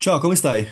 Ciao, come stai?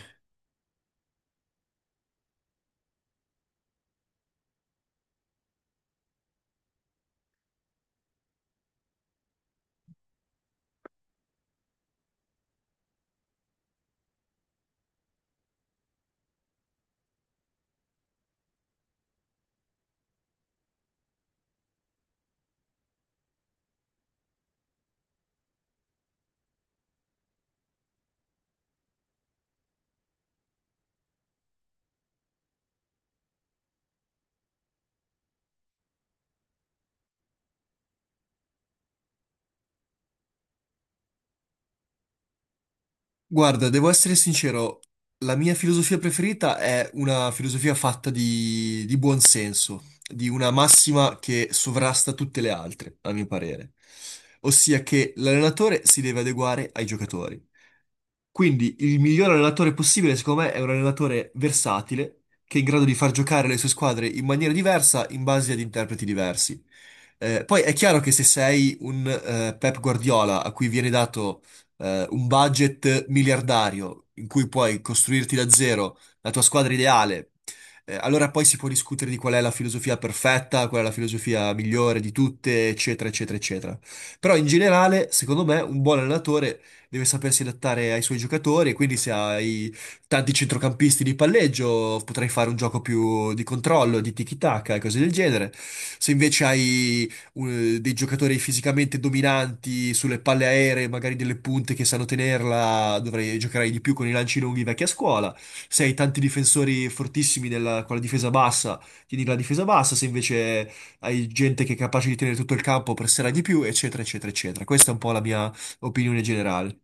Guarda, devo essere sincero, la mia filosofia preferita è una filosofia fatta di buon senso, di una massima che sovrasta tutte le altre, a mio parere. Ossia che l'allenatore si deve adeguare ai giocatori. Quindi il miglior allenatore possibile, secondo me, è un allenatore versatile, che è in grado di far giocare le sue squadre in maniera diversa in base ad interpreti diversi. Poi è chiaro che se sei un Pep Guardiola a cui viene dato un budget miliardario in cui puoi costruirti da zero la tua squadra ideale, allora poi si può discutere di qual è la filosofia perfetta, qual è la filosofia migliore di tutte, eccetera, eccetera, eccetera. Però in generale, secondo me, un buon allenatore deve sapersi adattare ai suoi giocatori, e quindi se hai tanti centrocampisti di palleggio, potrai fare un gioco più di controllo, di tiki-taka e cose del genere. Se invece hai dei giocatori fisicamente dominanti sulle palle aeree, magari delle punte che sanno tenerla, dovrei giocare di più con i lanci lunghi vecchia scuola. Se hai tanti difensori fortissimi con la difesa bassa, tieni la difesa bassa, se invece hai gente che è capace di tenere tutto il campo, presserà di più, eccetera, eccetera, eccetera. Questa è un po' la mia opinione generale.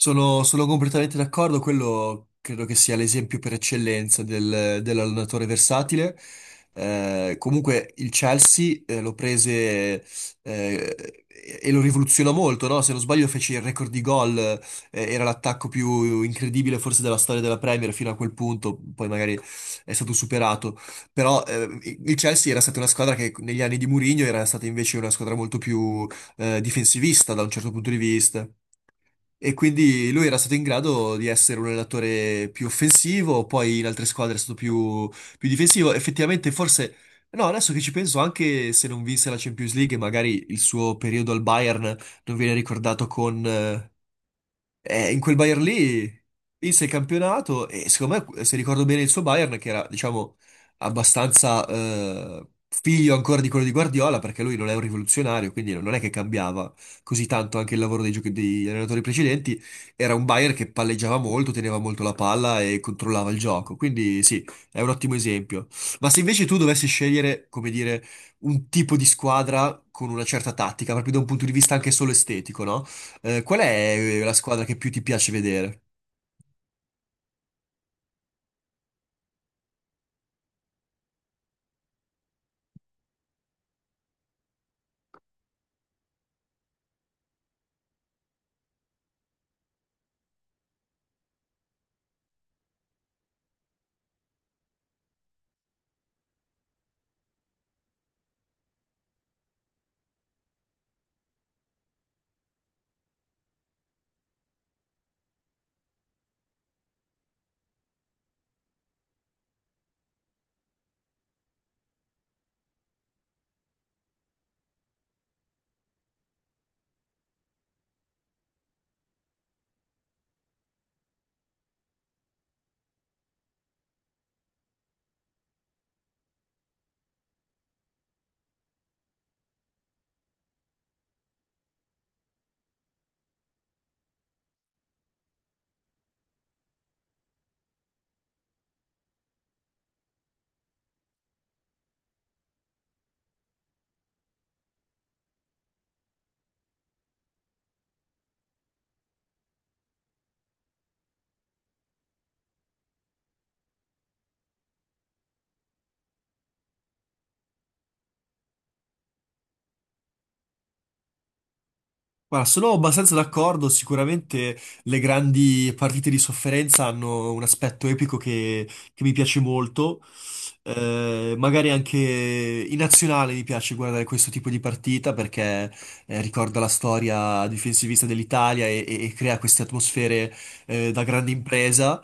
Sono completamente d'accordo, quello credo che sia l'esempio per eccellenza dell'allenatore versatile. Comunque il Chelsea lo prese eh, e lo rivoluzionò molto, no? Se non sbaglio fece il record di gol, era l'attacco più incredibile forse della storia della Premier fino a quel punto, poi magari è stato superato. Però il Chelsea era stata una squadra che negli anni di Mourinho era stata invece una squadra molto più difensivista da un certo punto di vista. E quindi lui era stato in grado di essere un allenatore più offensivo, poi in altre squadre è stato più difensivo. Effettivamente, forse, no, adesso che ci penso, anche se non vinse la Champions League, magari il suo periodo al Bayern non viene ricordato con, in quel Bayern lì vinse il campionato e secondo me, se ricordo bene il suo Bayern, che era, diciamo, abbastanza figlio ancora di quello di Guardiola, perché lui non è un rivoluzionario, quindi non è che cambiava così tanto anche il lavoro degli allenatori precedenti, era un Bayern che palleggiava molto, teneva molto la palla e controllava il gioco. Quindi sì, è un ottimo esempio. Ma se invece tu dovessi scegliere, come dire, un tipo di squadra con una certa tattica, proprio da un punto di vista anche solo estetico, no? Qual è la squadra che più ti piace vedere? Guarda, sono abbastanza d'accordo, sicuramente le grandi partite di sofferenza hanno un aspetto epico che mi piace molto. Magari anche in nazionale mi piace guardare questo tipo di partita perché ricorda la storia difensivista dell'Italia e crea queste atmosfere da grande impresa.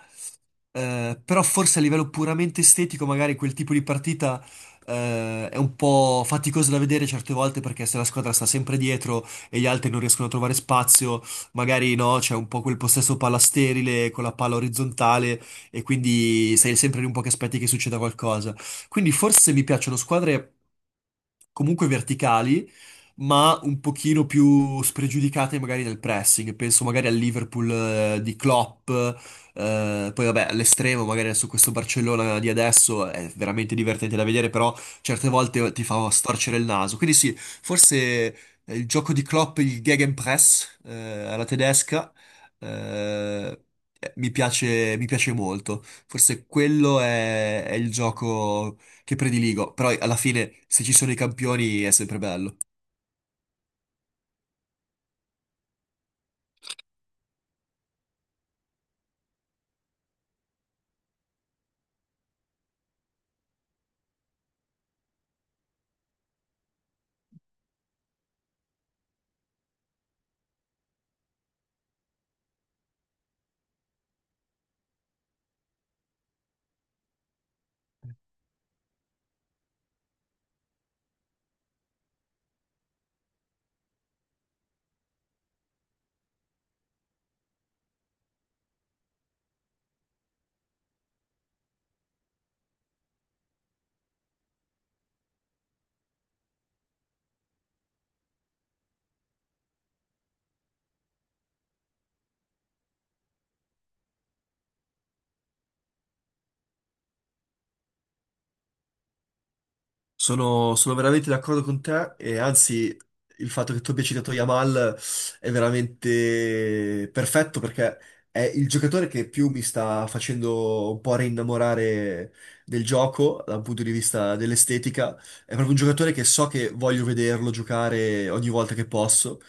Però forse a livello puramente estetico, magari quel tipo di partita è un po' faticoso da vedere certe volte perché se la squadra sta sempre dietro e gli altri non riescono a trovare spazio, magari no, c'è un po' quel possesso palla sterile con la palla orizzontale e quindi sei sempre lì un po' che aspetti che succeda qualcosa. Quindi forse mi piacciono squadre comunque verticali, ma un pochino più spregiudicate magari nel pressing. Penso magari al Liverpool di Klopp, poi vabbè, all'estremo, magari su questo Barcellona di adesso è veramente divertente da vedere, però certe volte ti fa storcere il naso. Quindi sì, forse il gioco di Klopp, il Gegenpress, alla tedesca, eh, mi piace molto. Forse quello è il gioco che prediligo, però alla fine se ci sono i campioni è sempre bello. Sono veramente d'accordo con te e anzi il fatto che tu abbia citato Yamal è veramente perfetto perché è il giocatore che più mi sta facendo un po' rinnamorare del gioco dal punto di vista dell'estetica. È proprio un giocatore che so che voglio vederlo giocare ogni volta che posso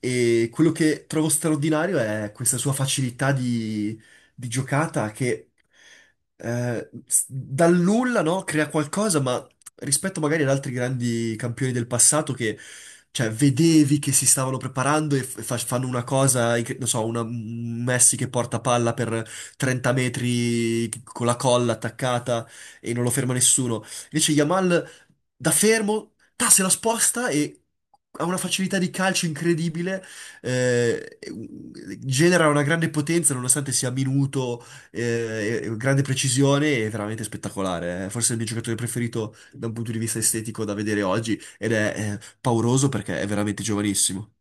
e quello che trovo straordinario è questa sua facilità di giocata che dal nulla, no? Crea qualcosa, ma rispetto magari ad altri grandi campioni del passato che, cioè, vedevi che si stavano preparando e fanno una cosa, non so, un Messi che porta palla per 30 metri con la colla attaccata e non lo ferma nessuno. Invece Yamal da fermo, ta, se la sposta e ha una facilità di calcio incredibile, eh, genera una grande potenza nonostante sia minuto, grande precisione e veramente spettacolare. È forse il mio giocatore preferito da un punto di vista estetico da vedere oggi ed è, pauroso perché è veramente giovanissimo.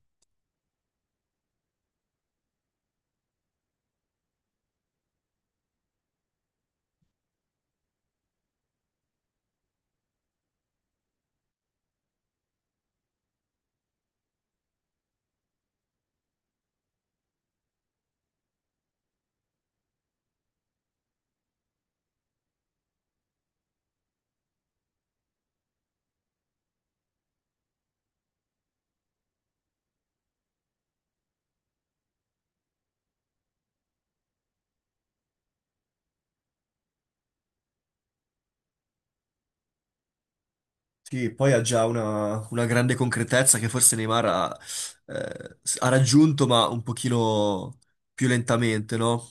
Sì, poi ha già una grande concretezza che forse Neymar ha, ha raggiunto, ma un pochino più lentamente, no?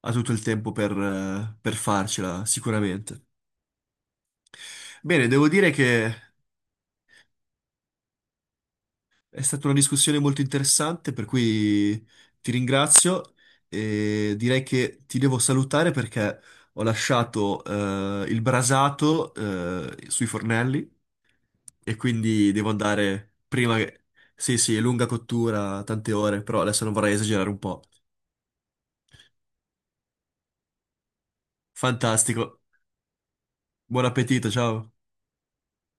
Ha tutto il tempo per farcela, sicuramente. Bene, devo dire che è stata una discussione molto interessante, per cui ti ringrazio e direi che ti devo salutare perché ho lasciato il brasato sui fornelli e quindi devo andare prima che... Sì, sì, è lunga cottura, tante ore, però adesso non vorrei esagerare un po'. Fantastico. Buon appetito, ciao.